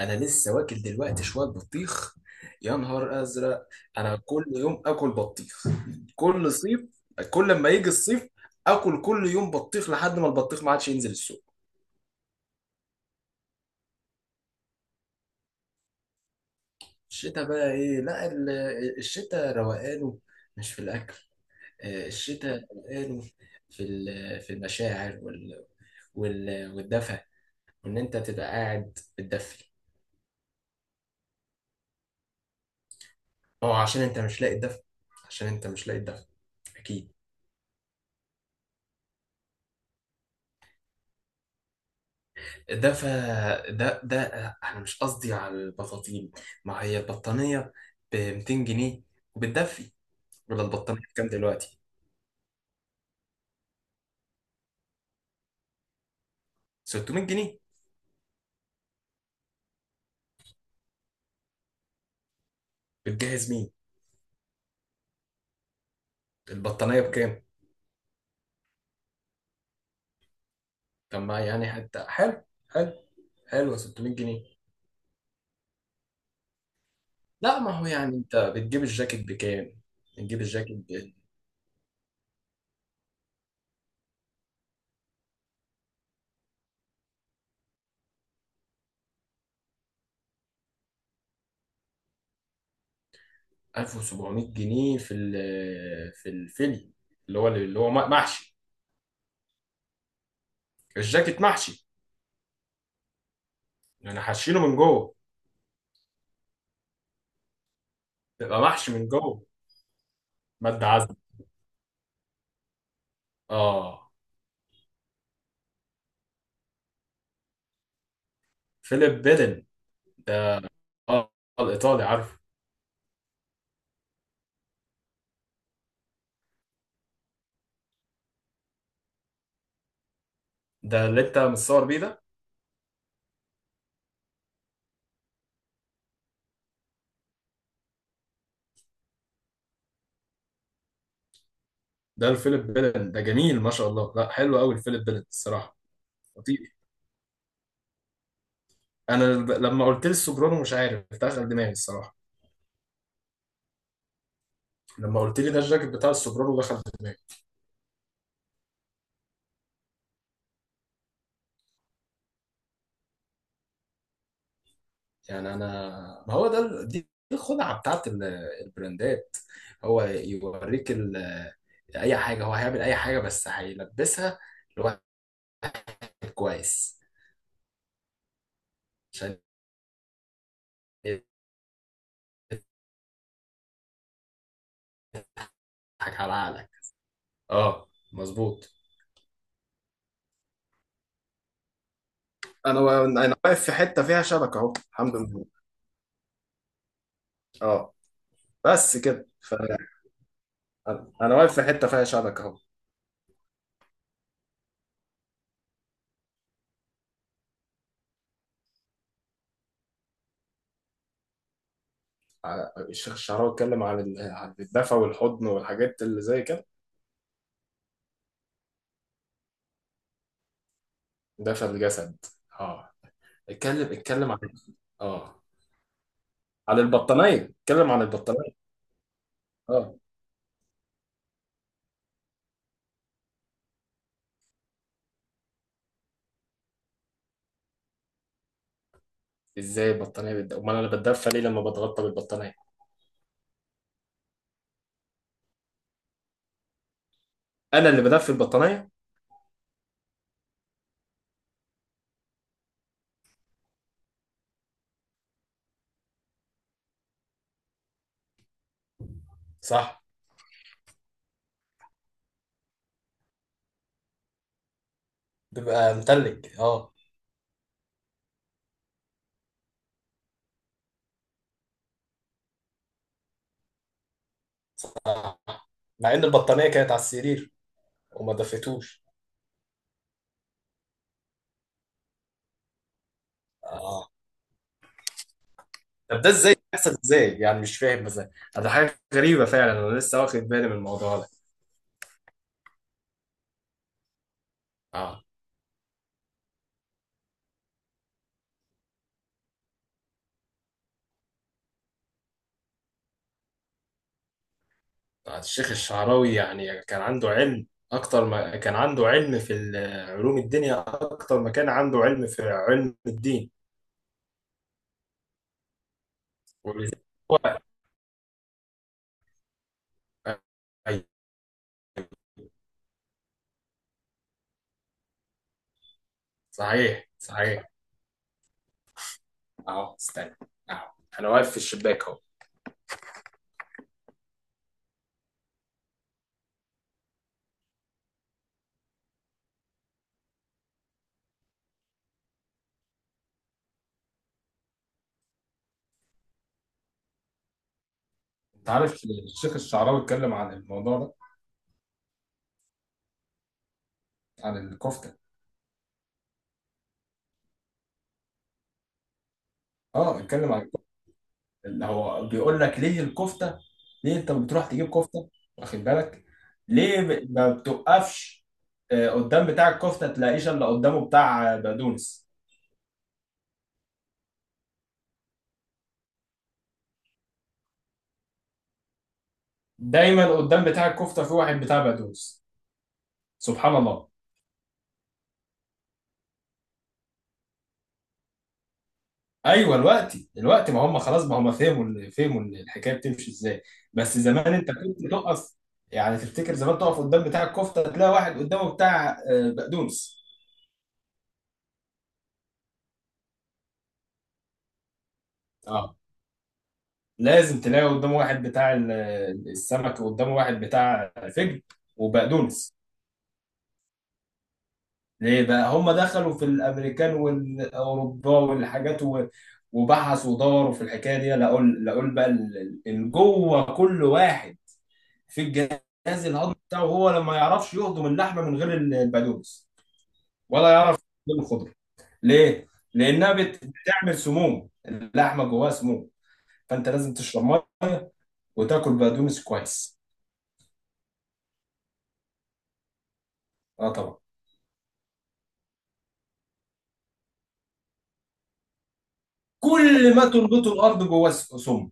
انا لسه واكل دلوقتي شويه بطيخ. يا نهار ازرق! انا كل يوم اكل بطيخ كل صيف. كل لما يجي الصيف اكل كل يوم بطيخ لحد ما البطيخ ما عادش ينزل السوق. الشتاء بقى ايه؟ لا ال- الشتاء روقانه، مش في الاكل. الشتاء روقانه في المشاعر والدفى، وان انت تبقى قاعد بتدفي. هو عشان انت مش لاقي الدفى. عشان انت مش لاقي الدفى، اكيد. ده ف ده ده انا مش قصدي على البطاطين. ما هي البطانيه ب 200 جنيه وبتدفي. ولا البطانيه بكام دلوقتي؟ 600 جنيه؟ بتجهز مين؟ البطانيه بكام؟ طب ما يعني حتى حلو، حلو. حلو 600 جنيه. لا ما هو يعني انت بتجيب الجاكيت بكام؟ بتجيب الجاكيت ب 1700 جنيه في ال في الفيلي، اللي هو محشي. الجاكيت محشي، انا حاشينه من جوه. تبقى محشي من جوه، مادة عزم. اه، فيليب بيدن ده. اه، الايطالي، عارفه. ده اللي انت متصور بيه ده. ده الفيليب بيدن ده جميل ما شاء الله، لا حلو قوي الفيليب بيدن الصراحه. خطير! انا لما قلت لي السوبرانو مش عارف دخل دماغي الصراحه. لما قلت لي ده الجاكيت بتاع السوبرانو دخل دماغي. يعني انا، ما هو ده دي الخدعه بتاعت البراندات. هو يوريك اي حاجه، هو هيعمل اي حاجه بس هيلبسها لواحد كويس عشان يضحك على عقلك. اه مظبوط. انا واقف في حته فيها شبكه اهو الحمد لله. اه، بس كده انا واقف في حته فيها شبكه اهو. الشيخ الشعراوي اتكلم عن عن الدفى والحضن والحاجات اللي زي كده. دفى الجسد. اه، اتكلم عن، اه، عن البطانيه. اتكلم عن البطانيه. اه. ازاي البطانيه امال انا بتدفى ليه لما بتغطى بالبطانيه؟ انا اللي بدفي البطانيه؟ صح، بيبقى متلج اه. آه. مع ان البطانيه كانت على السرير وما دفتوش. طب ده ازاي بيحصل؟ ازاي يعني؟ مش فاهم مثلا. ده حاجه غريبه فعلا، انا لسه واخد بالي من الموضوع ده. اه. الشيخ الشعراوي يعني كان عنده علم اكتر ما كان عنده علم في علوم الدنيا اكتر ما كان عنده علم في علم الدين. ولذلك هو، أيوة. صحيح صحيح. اهو استنى، اهو انا واقف في الشباك اهو. انت عارف الشيخ الشعراوي اتكلم عن الموضوع ده؟ عن الكفته. اه اتكلم عن، اللي هو بيقول لك ليه الكفته؟ ليه انت بتروح تجيب كفته؟ واخد بالك؟ ليه ما بتوقفش قدام بتاع الكفته تلاقيش الا قدامه بتاع بقدونس؟ دايما قدام بتاع الكفته في واحد بتاع بقدونس. سبحان الله! ايوه الوقت، الوقت ما هم خلاص، ما هم فهموا الحكايه بتمشي ازاي. بس زمان انت كنت تقف، يعني تفتكر زمان تقف قدام بتاع الكفته تلاقي واحد قدامه بتاع بقدونس؟ اه، لازم تلاقي قدامه واحد بتاع السمك وقدامه واحد بتاع فجل وبقدونس. ليه بقى هم دخلوا في الامريكان والاوروبا والحاجات وبحثوا ودوروا في الحكايه دي؟ لقوا بقى جوه كل واحد في الجهاز الهضمي بتاعه هو لما يعرفش يهضم اللحمه من غير البقدونس ولا يعرف يهضم الخضره. ليه؟ لانها بتعمل سموم، اللحمه جواها سموم. فانت لازم تشرب ميه وتاكل بقدونس كويس. اه طبعا. كل ما تنبته الارض جواه سم.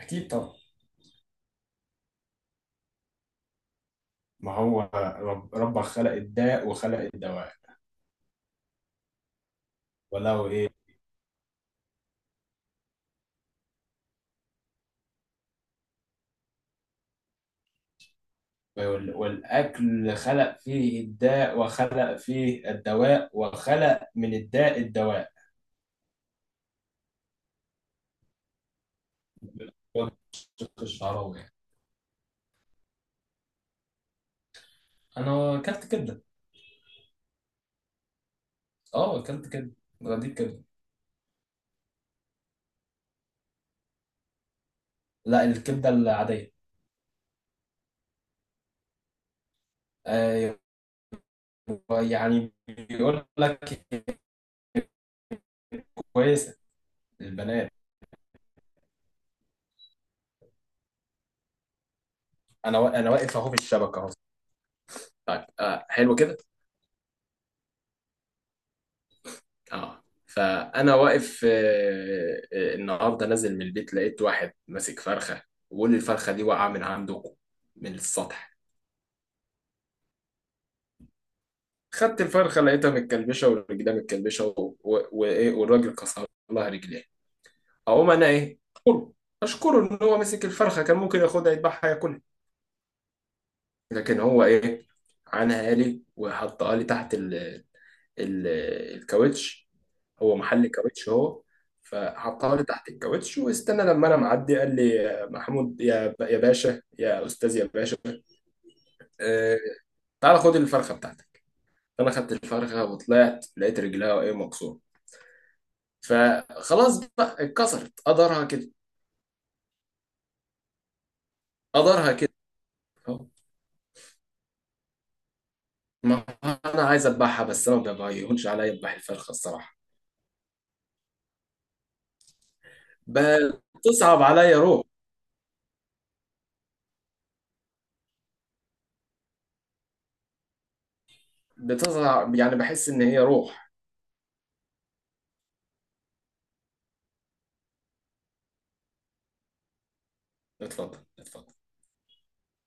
اكيد طبعا. ما هو ربك خلق الداء وخلق الدواء. ولو ايه، والاكل خلق فيه الداء وخلق فيه الدواء وخلق من الداء الدواء. شق الشعراوي يعني. انا اكلت كبده. اه اكلت كبده، دي كبده. لا الكبده العاديه. آه. يعني بيقول لك كويسه البنات. انا واقف اهو في الشبكه اهو. طيب، آه حلو كده. اه، فانا واقف، النهارده نازل من البيت لقيت واحد ماسك فرخه، وبيقول لي الفرخه دي واقعه من عندكم، من السطح. خدت الفرخه لقيتها متكلبشه والرجلها متكلبشه وايه، والراجل كسر لها رجليها. اقوم انا ايه، اشكره. اشكره ان هو مسك الفرخه، كان ممكن ياخدها يذبحها ياكلها. لكن هو ايه، عنها لي وحطها لي تحت ال ال الكاوتش، هو محل كاوتش هو. فحطها لي تحت الكاوتش واستنى لما انا معدي، قال لي يا محمود، يا باشا، يا استاذ يا باشا، آه، تعالى خد الفرخه بتاعتك. فانا خدت الفرخه وطلعت لقيت رجلها ايه، مكسوره. فخلاص بقى اتكسرت، قدرها كده. قدرها كده. أهو. ما هو انا عايز اذبحها بس انا ما بيهونش عليا اذبح الفرخه الصراحه. بتصعب عليا، روح. بتصعب، يعني بحس ان هي روح. اتفضل اتفضل.